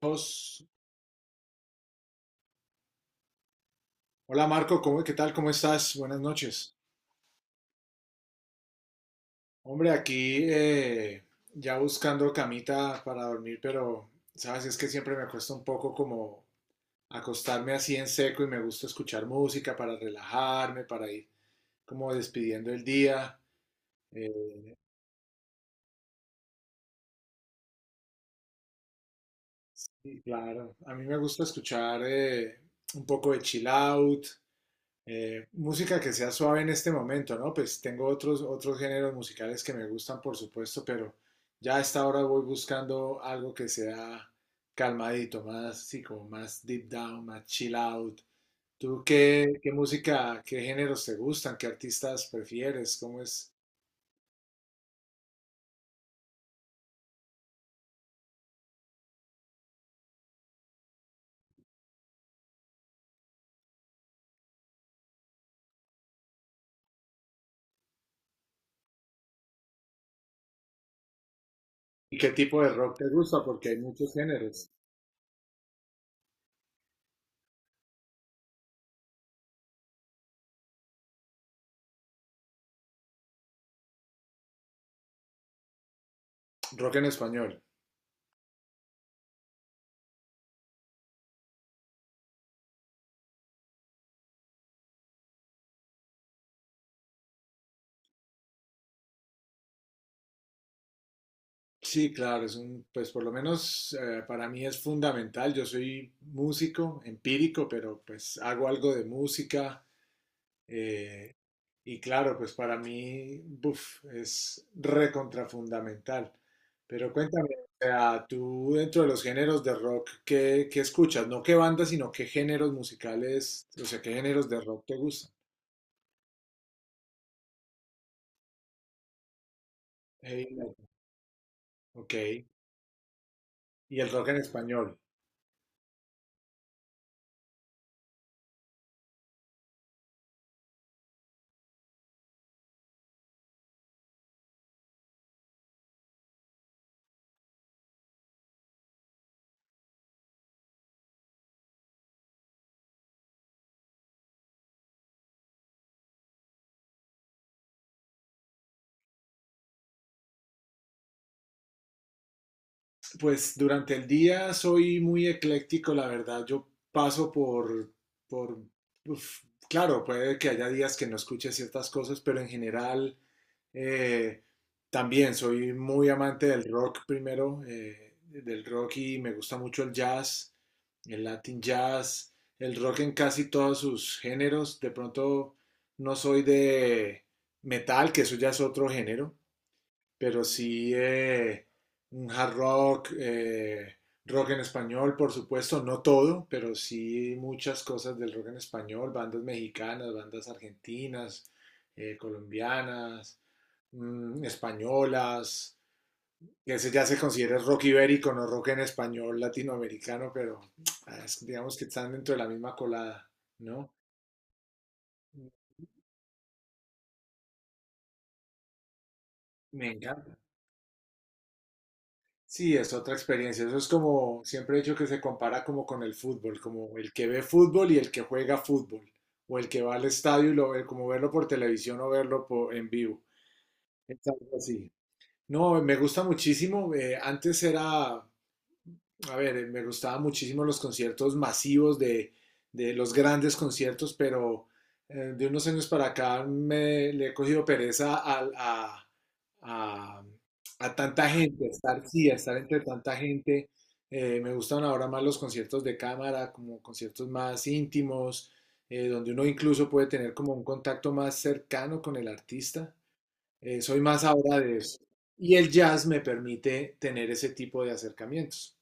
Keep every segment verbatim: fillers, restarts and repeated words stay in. Hola Marco, ¿cómo, qué tal? ¿Cómo estás? Buenas noches. Hombre, aquí eh, ya buscando camita para dormir, pero sabes, es que siempre me cuesta un poco como acostarme así en seco y me gusta escuchar música para relajarme, para ir como despidiendo el día. Eh, Y claro, a mí me gusta escuchar eh, un poco de chill out. Eh, música que sea suave en este momento, ¿no? Pues tengo otros, otros géneros musicales que me gustan, por supuesto, pero ya a esta hora voy buscando algo que sea calmadito, más así como más deep down, más chill out. ¿Tú qué, qué música, qué géneros te gustan? ¿Qué artistas prefieres? ¿Cómo es? ¿Y qué tipo de rock te gusta? Porque hay muchos géneros. Rock en español. Sí, claro, es un, pues por lo menos eh, para mí es fundamental. Yo soy músico, empírico, pero pues hago algo de música. eh, y claro, pues para mí, buf, es recontrafundamental. Pero cuéntame, o sea, tú dentro de los géneros de rock, ¿qué, qué escuchas? No qué bandas, sino qué géneros musicales, o sea, qué géneros de rock te gustan. Hey, ok. Y el rock en español. Pues durante el día soy muy ecléctico, la verdad. Yo paso por, por, uf, claro, puede que haya días que no escuche ciertas cosas, pero en general eh, también soy muy amante del rock primero, eh, del rock y me gusta mucho el jazz, el Latin jazz, el rock en casi todos sus géneros. De pronto no soy de metal, que eso ya es otro género pero sí eh, un hard rock, eh, rock en español, por supuesto, no todo, pero sí muchas cosas del rock en español, bandas mexicanas, bandas argentinas, eh, colombianas, mm, españolas. Ese ya se considera rock ibérico, no rock en español latinoamericano, pero ah, es- digamos que están dentro de la misma colada, ¿no? Me encanta. Sí, es otra experiencia. Eso es como, siempre he dicho que se compara como con el fútbol, como el que ve fútbol y el que juega fútbol, o el que va al estadio y lo ve, como verlo por televisión o verlo por- en vivo. Es algo así. No, me gusta muchísimo. eh, antes era a ver, eh, me gustaban muchísimo los conciertos masivos de, de los grandes conciertos, pero eh, de unos años para acá me, le he cogido pereza a, a, a, a tanta gente, a estar, sí, a estar entre tanta gente. Eh, me gustan ahora más los conciertos de cámara, como conciertos más íntimos, eh, donde uno incluso puede tener como un contacto más cercano con el artista. Eh, soy más ahora de eso. Y el jazz me permite tener ese tipo de acercamientos,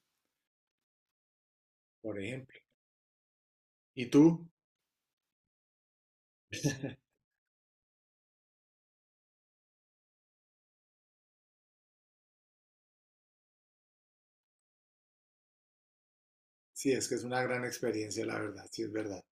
por ejemplo. ¿Y tú? Sí, es que es una gran experiencia, la verdad, sí es verdad.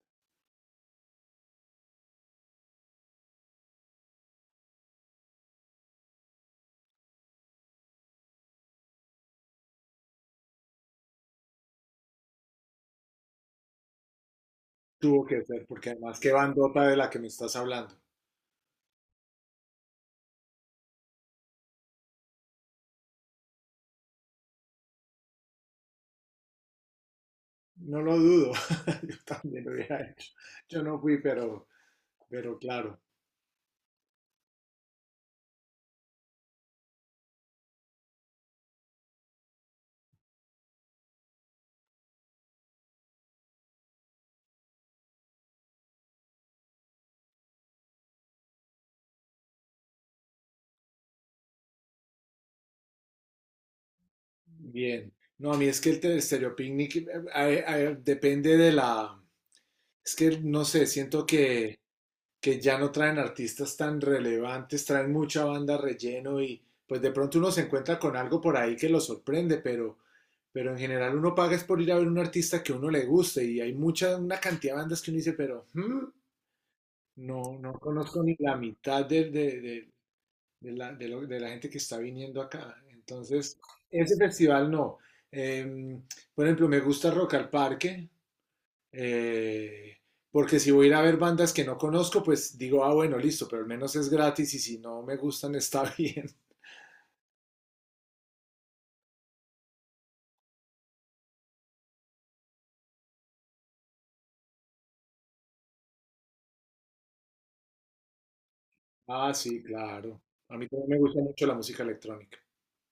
Tuvo que ser, porque además qué bandota de la que me estás hablando. No lo dudo, yo también lo hubiera hecho. Yo no fui, pero, pero, claro, bien. No, a mí es que el te- el Picnic eh, eh, eh, depende de la. Es que no sé, siento que que ya no traen artistas tan relevantes, traen mucha banda relleno y pues de pronto uno se encuentra con algo por ahí que lo sorprende, pero, pero en general uno paga es por ir a ver un artista que a uno le guste y hay mucha, una cantidad de bandas que uno dice, pero ¿hmm? No, no conozco ni la mitad de, de- de- de la, de lo- de la gente que está viniendo acá. Entonces, ese festival no. Em, por ejemplo, me gusta Rock al Parque, eh, porque si voy a ir a ver bandas que no conozco, pues digo, ah, bueno, listo, pero al menos es gratis y si no me gustan está bien. Ah, sí, claro. A mí también me gusta mucho la música electrónica,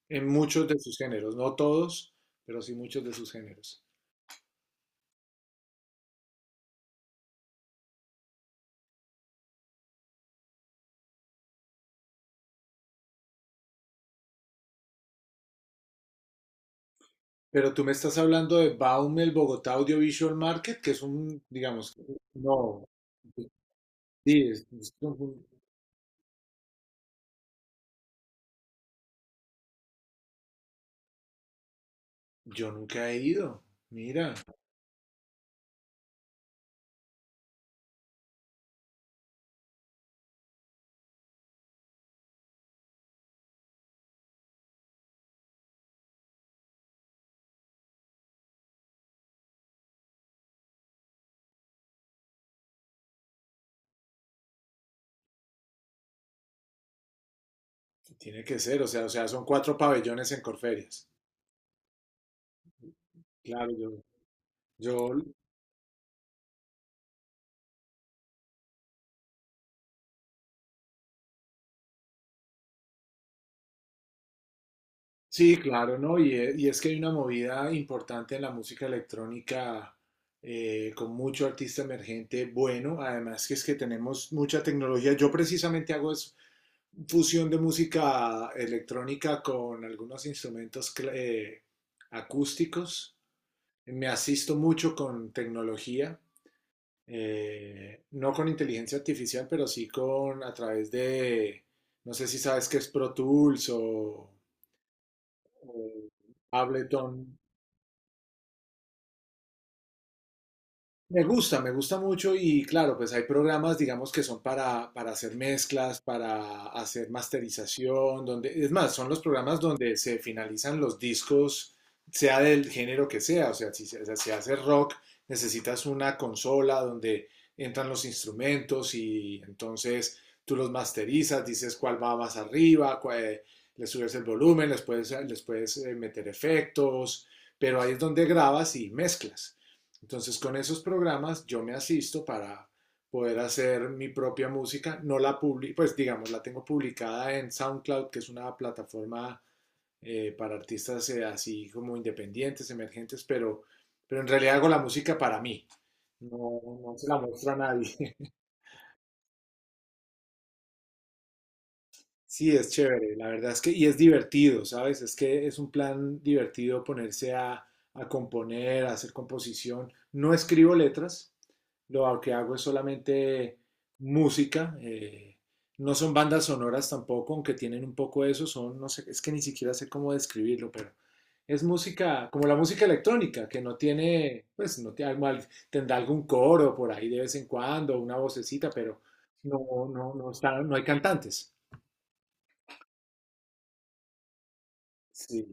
en muchos de sus géneros, no todos, pero sí muchos de sus géneros. Pero tú me estás hablando de Baumel Bogotá Audiovisual Market, que es un, digamos, no, sí, es- es un- yo nunca he ido. Mira, tiene que ser, o sea, o sea, son cuatro pabellones en Corferias. Claro, yo, yo Sí, claro, ¿no? Y, e- y es que hay una movida importante en la música electrónica eh, con mucho artista emergente bueno, además que es que tenemos mucha tecnología. Yo precisamente hago es fusión de música electrónica con algunos instrumentos cl- eh, acústicos. Me asisto mucho con tecnología, eh, no con inteligencia artificial, pero sí con a través de, no sé si sabes qué es Pro Tools o o Ableton. Me gusta, me gusta mucho y claro, pues hay programas, digamos, que son para, para hacer mezclas, para hacer masterización, donde, es más, son los programas donde se finalizan los discos, sea del género que sea, o sea, si se si se hace rock, necesitas una consola donde entran los instrumentos y entonces tú los masterizas, dices cuál va más arriba, cuál- le subes el volumen, les puedes, les puedes eh, meter efectos, pero ahí es donde grabas y mezclas. Entonces, con esos programas yo me asisto para poder hacer mi propia música. No la publico, pues digamos, la tengo publicada en SoundCloud, que es una plataforma eh, para artistas eh, así como independientes, emergentes, pero, pero, en realidad hago la música para mí. No, no se la muestro a nadie. Sí, es chévere, la verdad es que, y es divertido, ¿sabes? Es que es un plan divertido ponerse a, a componer, a hacer composición. No escribo letras, lo que hago es solamente música, eh, no son bandas sonoras tampoco, aunque tienen un poco eso, son, no sé, es que ni siquiera sé cómo describirlo, pero es música, como la música electrónica, que no tiene, pues, no tiene, algo- tendrá algún coro por ahí de vez en cuando, una vocecita, pero no, no, no está, no hay cantantes. Sí.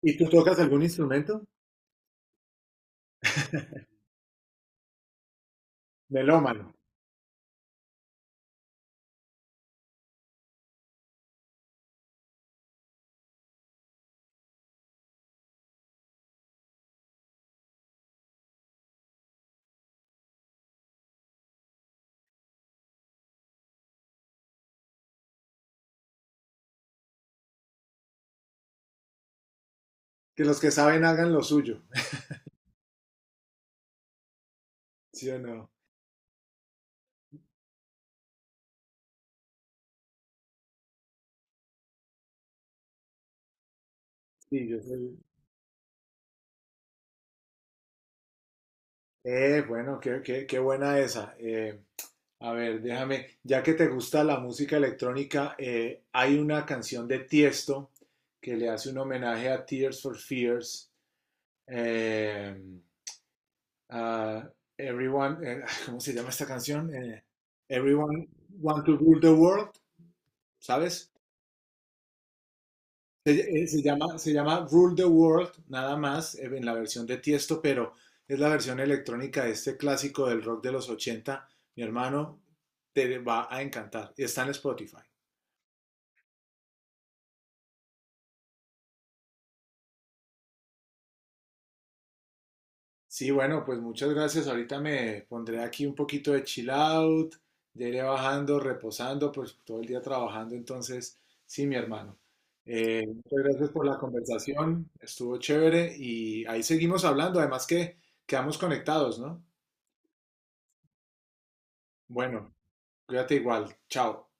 ¿Y tú tocas algún instrumento? Melómano. Que los que saben hagan lo suyo. ¿Sí o no? Sí, yo soy. Eh, bueno, qué, qué, qué buena esa. Eh, a ver, déjame, ya que te gusta la música electrónica, eh, hay una canción de Tiesto que le hace un homenaje a Tears for Fears. eh, a everyone, eh, ¿cómo se llama esta canción? Eh, everyone Want to Rule the World, ¿sabes? Se, eh, se llama, se llama Rule the World, nada más, eh, en la versión de Tiesto, pero es la versión electrónica de este clásico del rock de los ochenta. Mi hermano, te va a encantar. Está en Spotify. Sí, bueno, pues muchas gracias. Ahorita me pondré aquí un poquito de chill out. Ya iré bajando, reposando, pues todo el día trabajando. Entonces, sí, mi hermano. Eh, muchas gracias por la conversación. Estuvo chévere y ahí seguimos hablando. Además que quedamos conectados, ¿no? Bueno, cuídate igual. Chao.